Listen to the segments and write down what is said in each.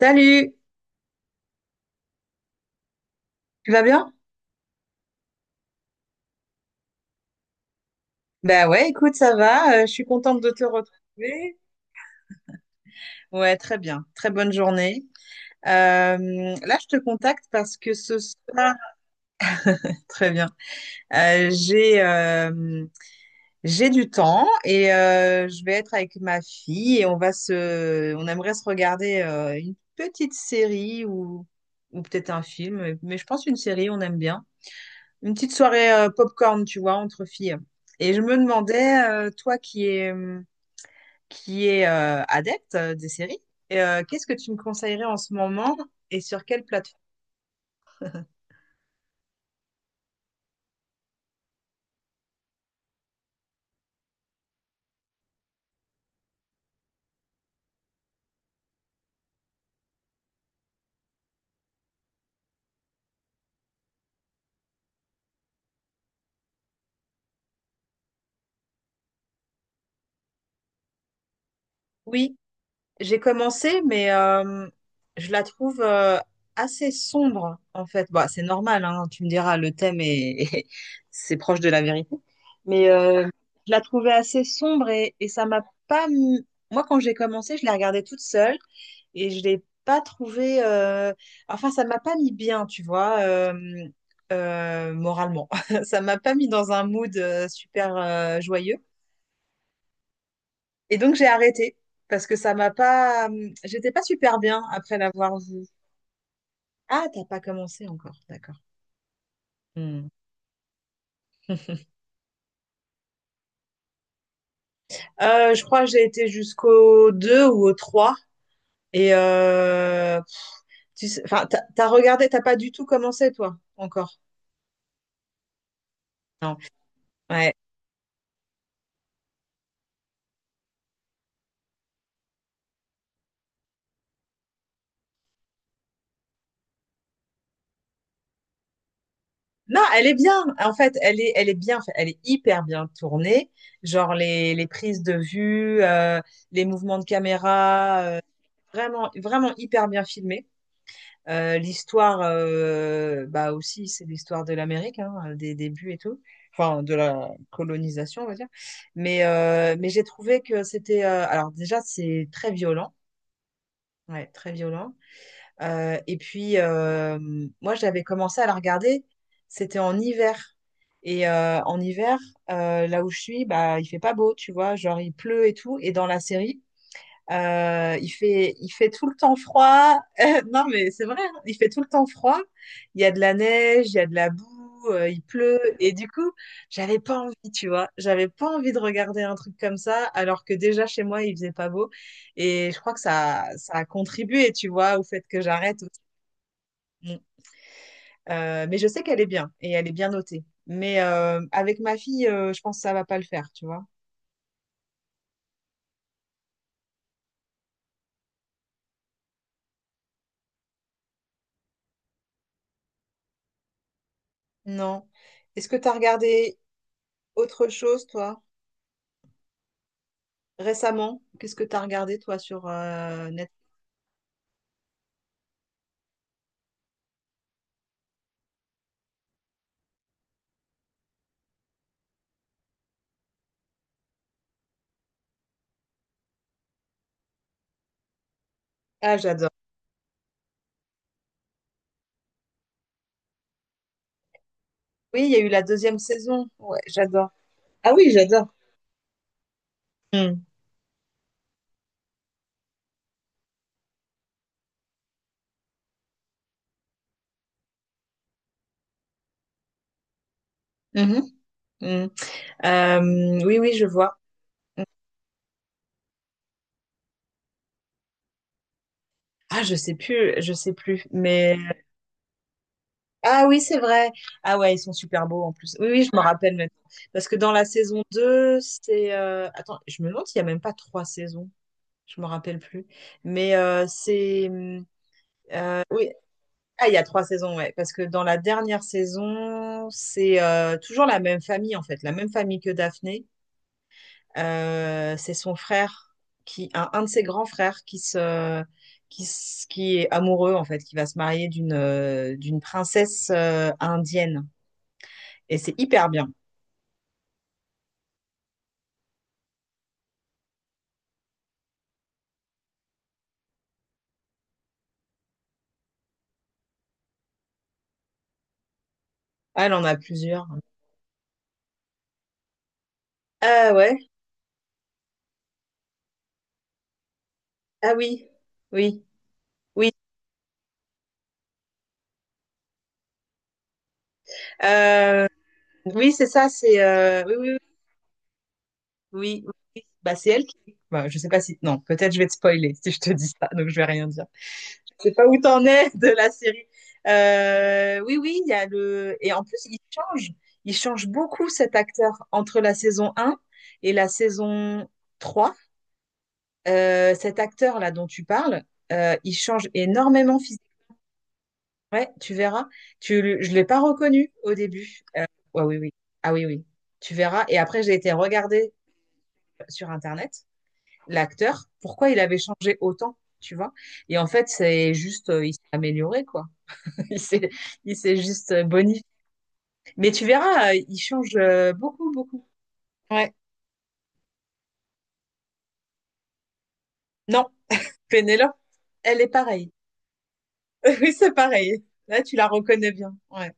Salut, tu vas bien? Bah ouais, écoute, ça va. Je suis contente de te retrouver. Ouais, très bien. Très bonne journée. Euh, Là, je te contacte parce que ce soir, très bien. J'ai j'ai du temps et je vais être avec ma fille et on va se, on aimerait se regarder une petite série ou peut-être un film, mais je pense une série, on aime bien. Une petite soirée popcorn, tu vois, entre filles. Et je me demandais, toi qui es qui est adepte des séries. Et, qu'est-ce que tu me conseillerais en ce moment et sur quelle plateforme? J'ai commencé, mais je la trouve assez sombre, en fait. Bah, c'est normal, hein, tu me diras, le thème est c'est proche de la vérité. Mais je la trouvais assez sombre et ça m'a pas. Moi, quand j'ai commencé, je l'ai regardée toute seule et je l'ai pas trouvée. Enfin, ça m'a pas mis bien, tu vois, moralement. Ça m'a pas mis dans un mood super joyeux. Et donc j'ai arrêté parce que ça m'a pas, j'étais pas super bien après l'avoir vu. Ah, t'as pas commencé encore, d'accord. Hmm. Je crois que j'ai été jusqu'au 2 ou au 3. Et tu sais, enfin, t'as regardé, t'as pas du tout commencé, toi, encore. Non. Ouais. Non, elle est bien. En fait, elle est bien. Elle est hyper bien tournée. Genre les prises de vue, les mouvements de caméra, vraiment hyper bien filmé. L'histoire, bah aussi, c'est l'histoire de l'Amérique, hein, des débuts et tout, enfin de la colonisation, on va dire. Mais j'ai trouvé que c'était, alors déjà, c'est très violent, ouais, très violent. Euh, et puis, euh, moi, j'avais commencé à la regarder, c'était en hiver. Et en hiver, là où je suis, bah, il fait pas beau, tu vois, genre il pleut et tout. Et dans la série, il fait tout le temps froid. Non, mais c'est vrai, hein, il fait tout le temps froid. Il y a de la neige, il y a de la boue, il pleut. Et du coup, j'avais pas envie, tu vois. J'avais pas envie de regarder un truc comme ça, alors que déjà chez moi, il faisait pas beau. Et je crois que ça a contribué, tu vois, au fait que j'arrête aussi. Mm. Mais je sais qu'elle est bien et elle est bien notée. Mais avec ma fille, je pense que ça va pas le faire, tu vois. Non. Est-ce que tu as regardé autre chose, toi? Récemment, qu'est-ce que tu as regardé toi sur Netflix? Ah, j'adore. Oui, il y a eu la deuxième saison. Ouais, j'adore. Ah oui, j'adore. Hmm. Mhm. Hmm. Oui, oui, je vois. Ah, je sais plus, je sais plus. Mais ah oui, c'est vrai. Ah ouais, ils sont super beaux en plus. Oui, oui, je me rappelle maintenant. Parce que dans la saison 2, c'est attends, je me demande s'il y a même pas trois saisons. Je me rappelle plus. Mais c'est mmh, oui, ah, il y a trois saisons, ouais. Parce que dans la dernière saison, c'est toujours la même famille, en fait, la même famille que Daphné. C'est son frère, qui, un de ses grands frères, qui, qui est amoureux, en fait, qui va se marier d'une princesse indienne. Et c'est hyper bien. Ah, elle en a plusieurs. Ah ouais? Ah oui, oui. Oui, euh, oui, c'est ça, c'est oui, oui, oui, oui. Bah, c'est elle qui. Bah, je sais pas si. Non, peut-être je vais te spoiler si je te dis ça, donc je vais rien dire. Je sais pas où t'en es de la série. Oui, oui, il y a le. Et en plus, il change. Il change beaucoup cet acteur entre la saison un et la saison 3. Cet acteur-là dont tu parles, il change énormément. Ouais, tu verras. Je l'ai pas reconnu au début. Euh, ouais, oui, oui. Ah oui, oui. Tu verras. Et après, j'ai été regarder sur Internet l'acteur, pourquoi il avait changé autant, tu vois. Et en fait, c'est juste, il s'est amélioré, quoi. Il s'est, il s'est juste bonifié. Mais tu verras, il change beaucoup, beaucoup. Ouais. Non, Pénélope, elle est pareille. Oui, c'est pareil. Là, tu la reconnais bien. Ouais.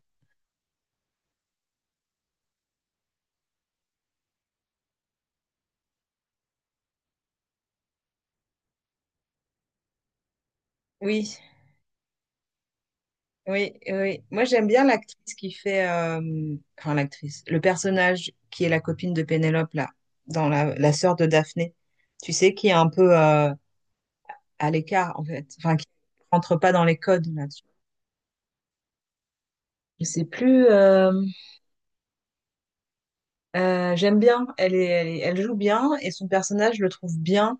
Oui. Oui, oui. Moi, j'aime bien l'actrice qui fait, enfin l'actrice, le personnage qui est la copine de Pénélope là, dans la sœur de Daphné. Tu sais qui est un peu à l'écart en fait, enfin qui rentre pas dans les codes là-dessus. Je sais plus. J'aime bien. Elle joue bien et son personnage je le trouve bien.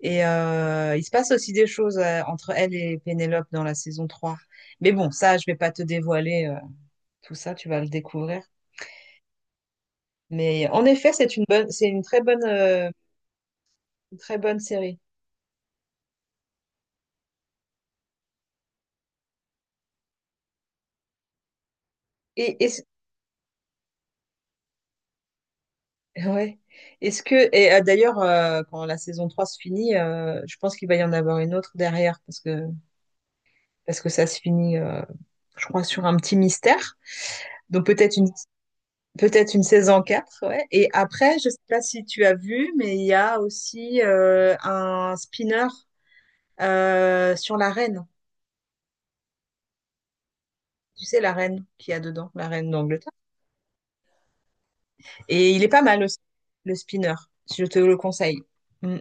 Et il se passe aussi des choses entre elle et Pénélope dans la saison 3. Mais bon, ça, je vais pas te dévoiler tout ça. Tu vas le découvrir. Mais en effet, c'est une très bonne série. Et est-ce, ouais. Est-ce que, et quand la saison 3 se finit, je pense qu'il va y en avoir une autre derrière parce que ça se finit, je crois, sur un petit mystère. Donc peut-être une, peut-être une saison 4. Ouais. Et après, je sais pas si tu as vu, mais il y a aussi un spinner sur la reine. Tu sais, la reine qu'il y a dedans, la reine d'Angleterre. Et il est pas mal aussi, le spinner. Si, je te le conseille. Mm.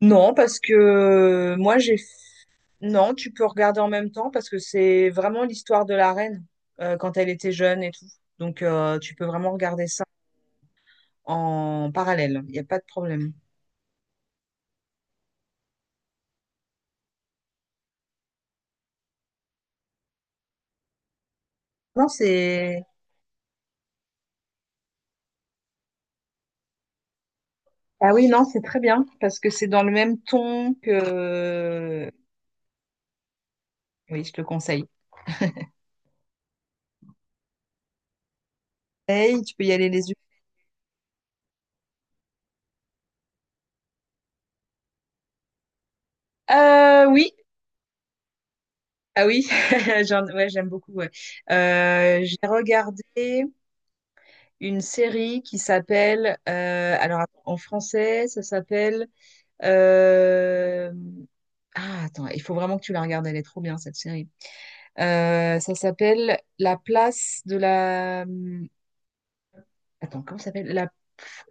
Non, parce que moi, j'ai... Non, tu peux regarder en même temps parce que c'est vraiment l'histoire de la reine quand elle était jeune et tout. Donc, tu peux vraiment regarder ça en parallèle. Il n'y a pas de problème. Non, c'est... Ah oui, non, c'est très bien parce que c'est dans le même ton que... Oui, je te le conseille. Hey, tu peux y aller les yeux. Euh, oui, ah oui, ouais, j'aime beaucoup. Ouais. J'ai regardé. Une série qui s'appelle, en français, ça s'appelle, euh, ah attends, il faut vraiment que tu la regardes, elle est trop bien cette série. Ça s'appelle La place de la, attends, comment ça s'appelle? La,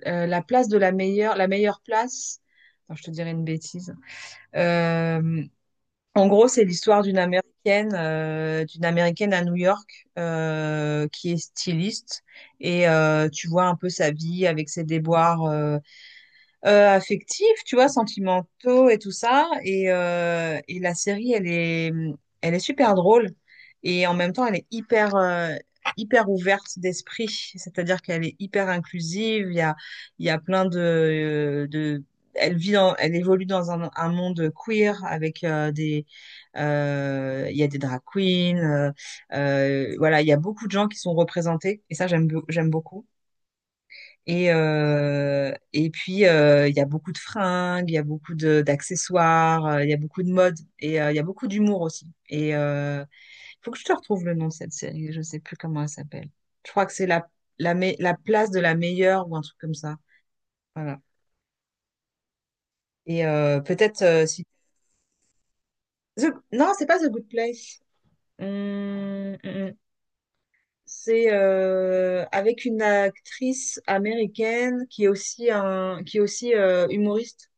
la place de la meilleure place. Attends, je te dirais une bêtise. Euh, En gros, c'est l'histoire d'une américaine à New York qui est styliste et tu vois un peu sa vie avec ses déboires. Affectifs, tu vois, sentimentaux et tout ça. Et la série, elle est super drôle. Et en même temps, hyper ouverte d'esprit. C'est-à-dire qu'elle est hyper inclusive. Il y a plein de... Elle évolue dans un monde queer avec il y a des drag queens, voilà, il y a beaucoup de gens qui sont représentés et ça j'aime, j'aime beaucoup. Il y a beaucoup de fringues, il y a beaucoup de- d'accessoires, il y a beaucoup de mode et il y a beaucoup d'humour aussi. Il faut que je te retrouve le nom de cette série, je sais plus comment elle s'appelle. Je crois que c'est la place de la meilleure ou un truc comme ça. Voilà. Et peut-être Si... The- non, c'est pas The Good Place. Hum, hum, hum. C'est avec une actrice américaine qui est aussi, qui est aussi humoriste.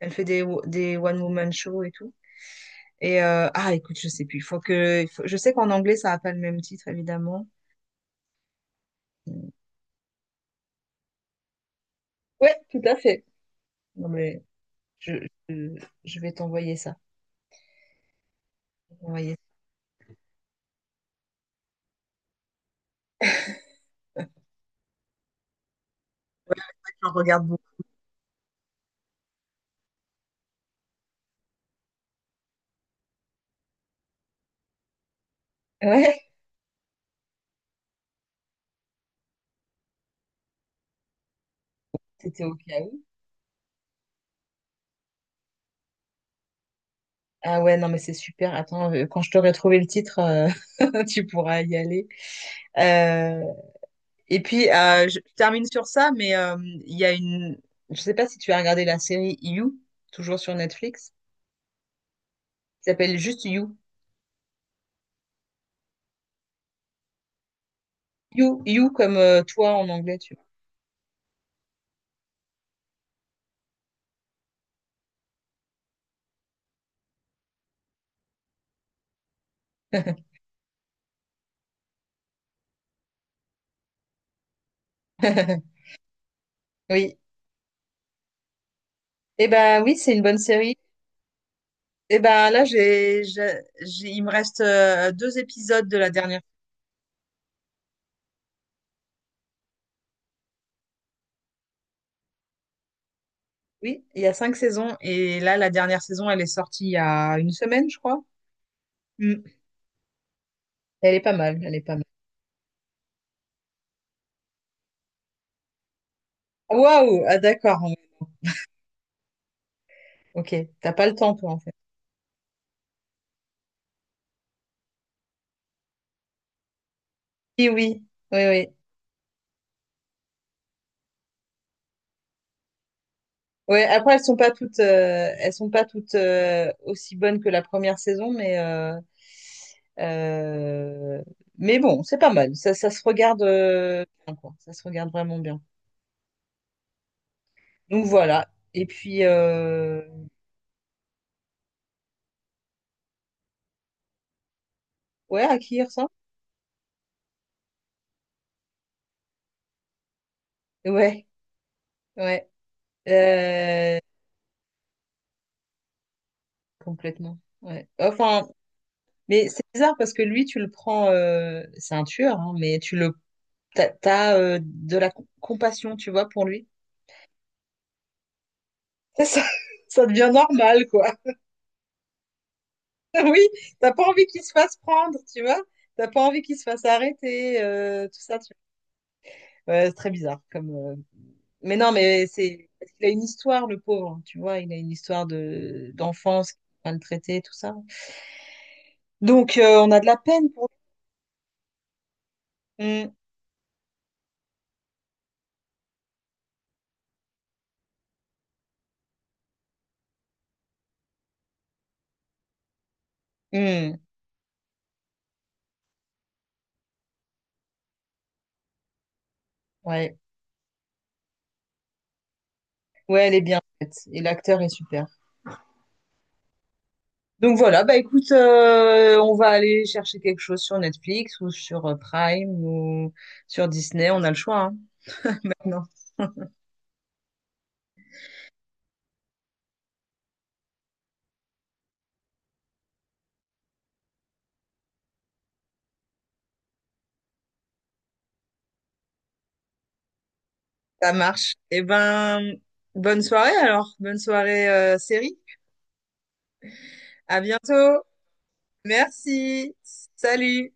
Elle fait des one-woman shows et tout. Et ah, écoute, je sais plus. Il faut que, il faut- Je sais qu'en anglais, ça n'a pas le même titre, évidemment. Ouais, tout à fait. Non, mais je, je, je vais t'envoyer ça. Je vais t'envoyer ça. J'en regarde beaucoup. Ouais, c'était au cas où. Ah ouais, non, mais c'est super. Attends, quand je t'aurai trouvé le titre, tu pourras y aller. Euh, je termine sur ça, mais il y a une... Je sais pas si tu as regardé la série You, toujours sur Netflix, qui s'appelle juste You. You, you comme toi en anglais, tu vois. Oui. Eh ben oui, c'est une bonne série. Eh ben là, il me reste deux épisodes de la dernière. Oui, il y a cinq saisons et là, la dernière saison, elle est sortie il y a une semaine, je crois. Mm. Elle est pas mal, elle est pas mal. Ah, waouh, ah d'accord. Ok, t'as pas le temps toi en fait. Oui, oui, oui, oui. Ouais, après, elles sont pas toutes aussi bonnes que la première saison, euh, mais bon, c'est pas mal. Ça se regarde bien, quoi. Ça se regarde vraiment bien. Donc voilà. Et puis, euh, ouais, à ça, ouais, ouais, Euh, complètement. Ouais. Enfin, mais c'est bizarre parce que lui, tu le prends, c'est un tueur, hein, t'as, de la compassion, tu vois, pour lui. Ça, ça devient normal, quoi. Oui, t'as pas envie qu'il se fasse prendre, tu vois. T'as pas envie qu'il se fasse arrêter, tout ça. Ouais, c'est très bizarre. Mais non, mais c'est parce qu'il a une histoire, le pauvre. Hein, tu vois, il a une histoire de d'enfance maltraitée, tout ça. Donc, on a de la peine pour. Mm, mm, ouais, ouais, elle est bien en fait. Et l'acteur est super. Donc voilà, bah écoute, on va aller chercher quelque chose sur Netflix ou sur Prime ou sur Disney. On a le choix, hein, maintenant. Ça marche. Eh ben, bonne soirée alors. Bonne soirée série. À bientôt. Merci. Salut.